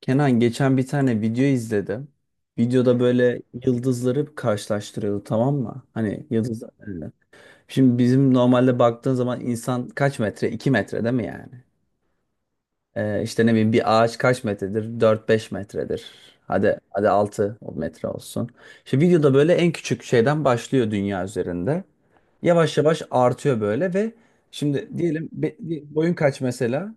Kenan geçen bir tane video izledim. Videoda böyle yıldızları karşılaştırıyordu, tamam mı? Hani yıldızlar. Evet. Şimdi bizim normalde baktığın zaman insan kaç metre? 2 metre değil mi yani? İşte ne bileyim bir ağaç kaç metredir? 4 5 metredir. Hadi hadi 6 metre olsun. İşte videoda böyle en küçük şeyden başlıyor dünya üzerinde. Yavaş yavaş artıyor böyle. Ve şimdi diyelim boyun kaç mesela?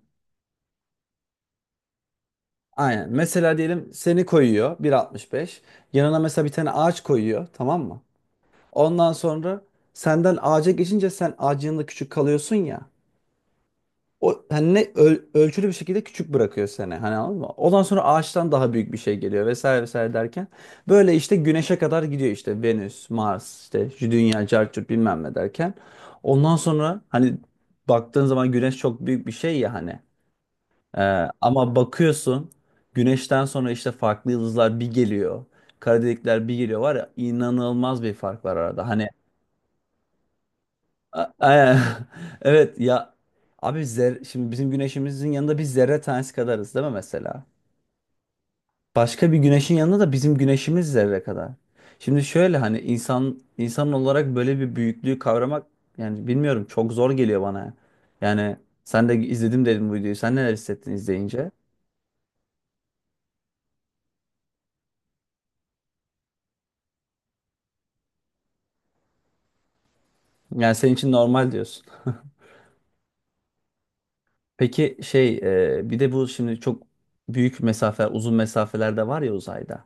Aynen. Mesela diyelim seni koyuyor 1,65. Yanına mesela bir tane ağaç koyuyor, tamam mı? Ondan sonra senden ağaca geçince sen ağacın yanında küçük kalıyorsun ya. O hani ne, ölçülü bir şekilde küçük bırakıyor seni. Hani anladın mı? Ondan sonra ağaçtan daha büyük bir şey geliyor, vesaire vesaire derken böyle işte güneşe kadar gidiyor, işte Venüs, Mars, işte Dünya, Carçurt bilmem ne derken. Ondan sonra hani baktığın zaman güneş çok büyük bir şey ya hani. Ama bakıyorsun güneşten sonra işte farklı yıldızlar bir geliyor. Kara delikler bir geliyor, var ya inanılmaz bir fark var arada. Hani a- a- evet ya abi şimdi bizim güneşimizin yanında biz zerre tanesi kadarız değil mi mesela? Başka bir güneşin yanında da bizim güneşimiz zerre kadar. Şimdi şöyle hani insan olarak böyle bir büyüklüğü kavramak, yani bilmiyorum, çok zor geliyor bana. Yani sen de izledim dedim bu videoyu. Sen neler hissettin izleyince? Yani senin için normal diyorsun. Peki şey, bir de bu şimdi çok büyük mesafe, uzun mesafeler de var ya uzayda.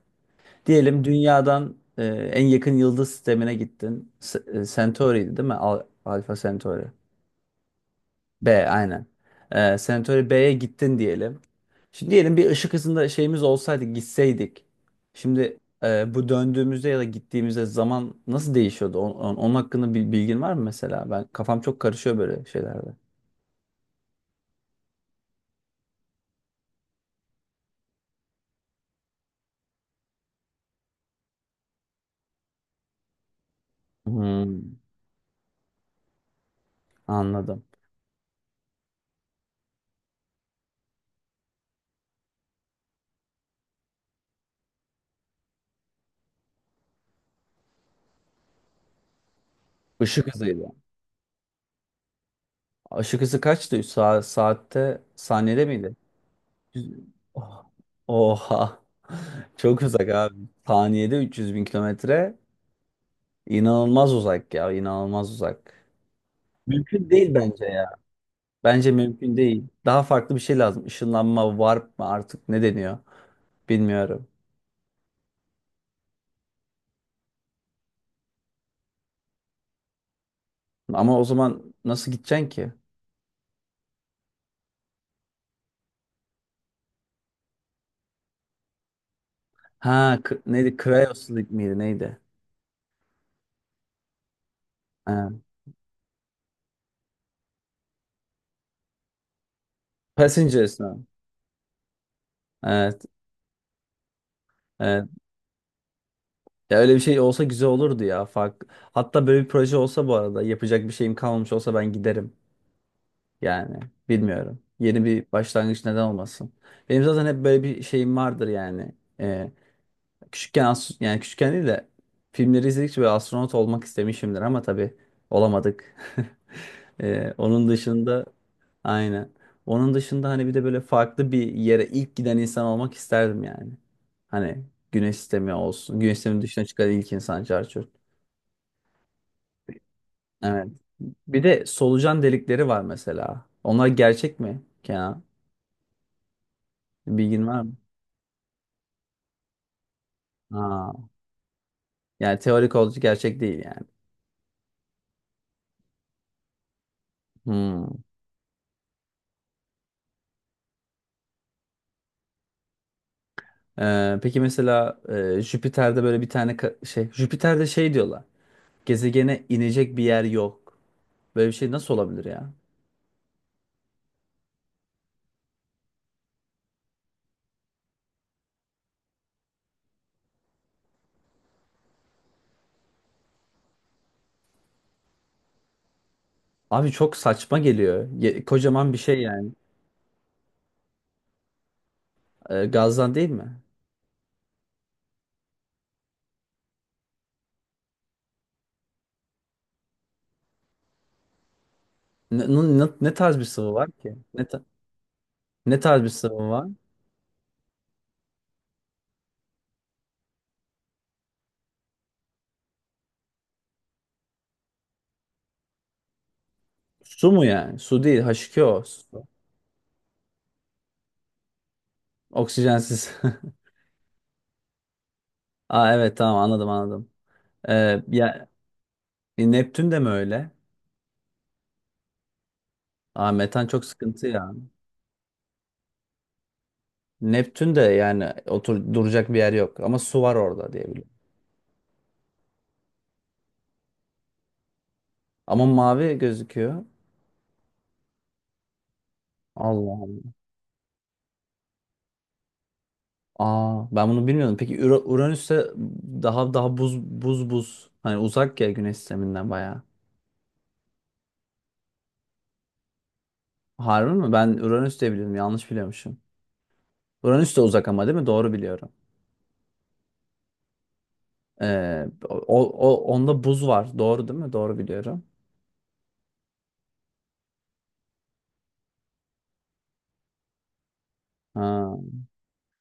Diyelim dünyadan en yakın yıldız sistemine gittin. Centauri'ydi değil mi? Alpha Centauri. B aynen. Centauri B'ye gittin diyelim. Şimdi diyelim bir ışık hızında şeyimiz olsaydı, gitseydik. Şimdi bu döndüğümüzde ya da gittiğimizde zaman nasıl değişiyordu? Onun hakkında bir bilgin var mı mesela? Ben kafam çok karışıyor böyle şeylerde. Hmm, anladım. Işık hızıydı. Işık hızı kaçtı? Üç saatte, saniyede miydi? Yüz- Oh. Oha. Çok uzak abi. Saniyede 300 bin kilometre. İnanılmaz uzak ya. İnanılmaz uzak. Mümkün değil bence ya. Bence mümkün değil. Daha farklı bir şey lazım. Işınlanma, warp mı artık ne deniyor? Bilmiyorum. Ama o zaman nasıl gideceksin ki? Ha, neydi? Cryosleep miydi? Neydi? Ha. Passengers mi? Evet, evet. Ya öyle bir şey olsa güzel olurdu ya. Fark... Hatta böyle bir proje olsa, bu arada yapacak bir şeyim kalmamış olsa, ben giderim. Yani bilmiyorum. Yeni bir başlangıç, neden olmasın. Benim zaten hep böyle bir şeyim vardır yani. Küçükken, yani küçükken değil de, filmleri izledikçe böyle astronot olmak istemişimdir, ama tabii olamadık. Onun dışında aynen. Onun dışında hani bir de böyle farklı bir yere ilk giden insan olmak isterdim yani. Hani güneş sistemi olsun. Güneş sisteminin dışına çıkan ilk insan, çarçur. Evet. Bir de solucan delikleri var mesela. Onlar gerçek mi Kenan? Bilgin var mı? Aa, yani teorik olduğu, gerçek değil yani. Hmm. Peki mesela Jüpiter'de böyle bir tane şey, Jüpiter'de şey diyorlar. Gezegene inecek bir yer yok. Böyle bir şey nasıl olabilir ya? Abi çok saçma geliyor. Kocaman bir şey yani. Gazdan değil mi? Ne, ne tarz bir sıvı var ki? Ne tarz bir sıvı var? Su mu yani? Su değil, H2O. Su. Oksijensiz. Aa evet, tamam, anladım anladım. Ya Neptün de mi öyle? Aa, metan çok sıkıntı ya. Neptün de yani otur duracak bir yer yok, ama su var orada diye biliyorum. Ama mavi gözüküyor. Allah Allah. Aa, ben bunu bilmiyordum. Peki Uranüs'te daha daha buz buz buz. Hani uzak ya güneş sisteminden bayağı. Harbi mi? Ben Uranüs diye biliyordum. Yanlış biliyormuşum. Uranüs de uzak ama, değil mi? Doğru biliyorum. Ee, o, onda buz var. Doğru değil mi? Doğru biliyorum. Ha.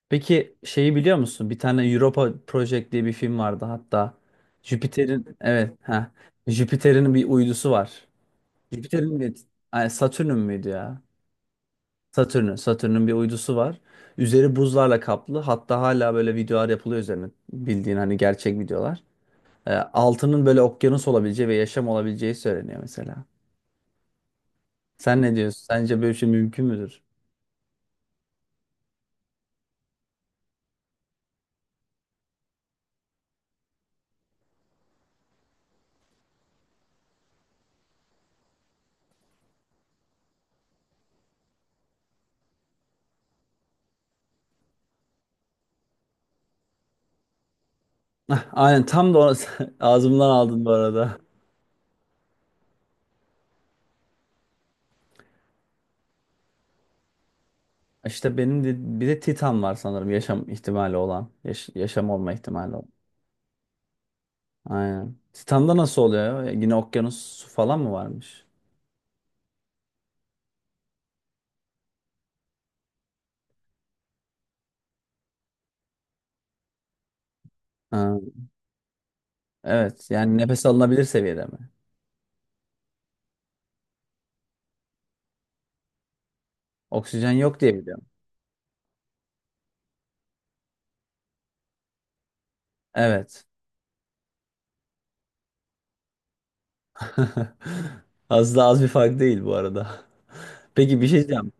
Peki şeyi biliyor musun? Bir tane Europa Project diye bir film vardı hatta. Jüpiter'in, evet, ha, Jüpiter'in bir uydusu var. Jüpiter'in bir, ay, Satürn'ün müydü ya? Satürn'ün bir uydusu var. Üzeri buzlarla kaplı. Hatta hala böyle videolar yapılıyor üzerine. Bildiğin hani, gerçek videolar. Altının böyle okyanus olabileceği ve yaşam olabileceği söyleniyor mesela. Sen ne diyorsun? Sence böyle bir şey mümkün müdür? Ah, aynen, tam da ağzımdan aldın bu arada. İşte benim de, bir de Titan var sanırım, yaşam ihtimali olan. Yaşam olma ihtimali olan. Aynen. Titan'da nasıl oluyor ya? Yine okyanus, su falan mı varmış? Ha, evet. Yani nefes alınabilir seviyede mi? Oksijen yok diye biliyorum. Evet. Az da az bir fark değil bu arada. Peki, bir şey diyeceğim.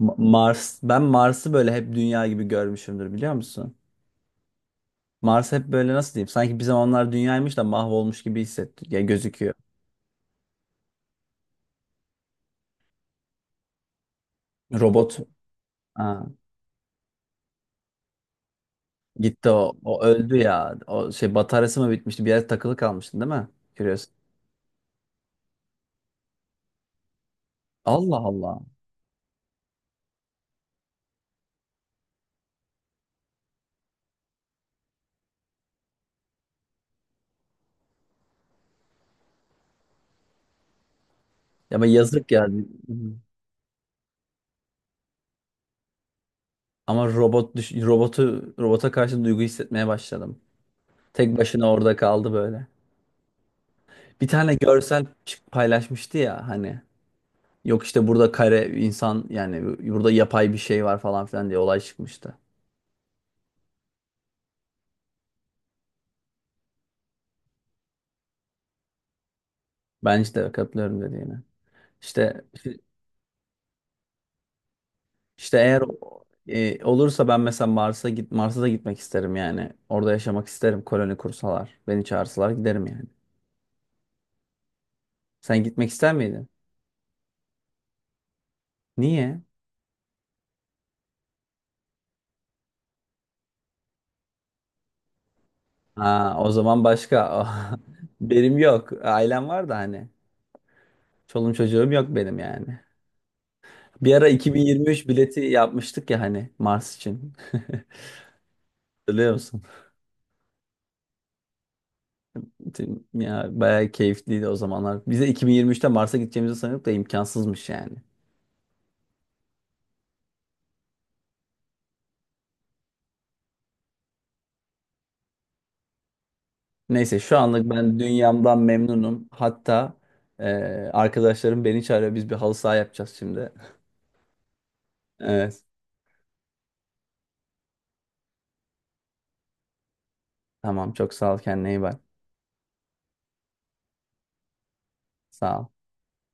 Mars, ben Mars'ı böyle hep dünya gibi görmüşümdür, biliyor musun? Mars hep böyle, nasıl diyeyim, sanki bir zamanlar dünyaymış da mahvolmuş gibi hissettiriyor, gözüküyor. Robot. Ha. Gitti o. O öldü ya. O şey, bataryası mı bitmişti? Bir yer takılı kalmıştı değil mi? Curious. Allah Allah. Ya ama yazık ya. Ama robot düş robota karşı duygu hissetmeye başladım. Tek başına orada kaldı böyle. Bir tane görsel paylaşmıştı ya hani. Yok işte burada kare insan yani, burada yapay bir şey var falan filan diye olay çıkmıştı. Bence de katılıyorum dediğine. İşte İşte eğer olursa, ben mesela Mars'a da gitmek isterim yani. Orada yaşamak isterim, koloni kursalar. Beni çağırsalar giderim yani. Sen gitmek ister miydin? Niye? Ha, o zaman başka. Benim yok. Ailem var da hani. Çoluğum çocuğum yok benim yani. Bir ara 2023 bileti yapmıştık ya hani, Mars için. Biliyor musun? Ya bayağı keyifliydi o zamanlar. Bize 2023'te Mars'a gideceğimizi sanıyorduk da, imkansızmış yani. Neyse şu anlık ben dünyamdan memnunum. Hatta e, arkadaşlarım beni çağırıyor. Biz bir halı saha yapacağız şimdi. Evet. Tamam, çok sağ ol, kendine iyi bak. Sağ ol.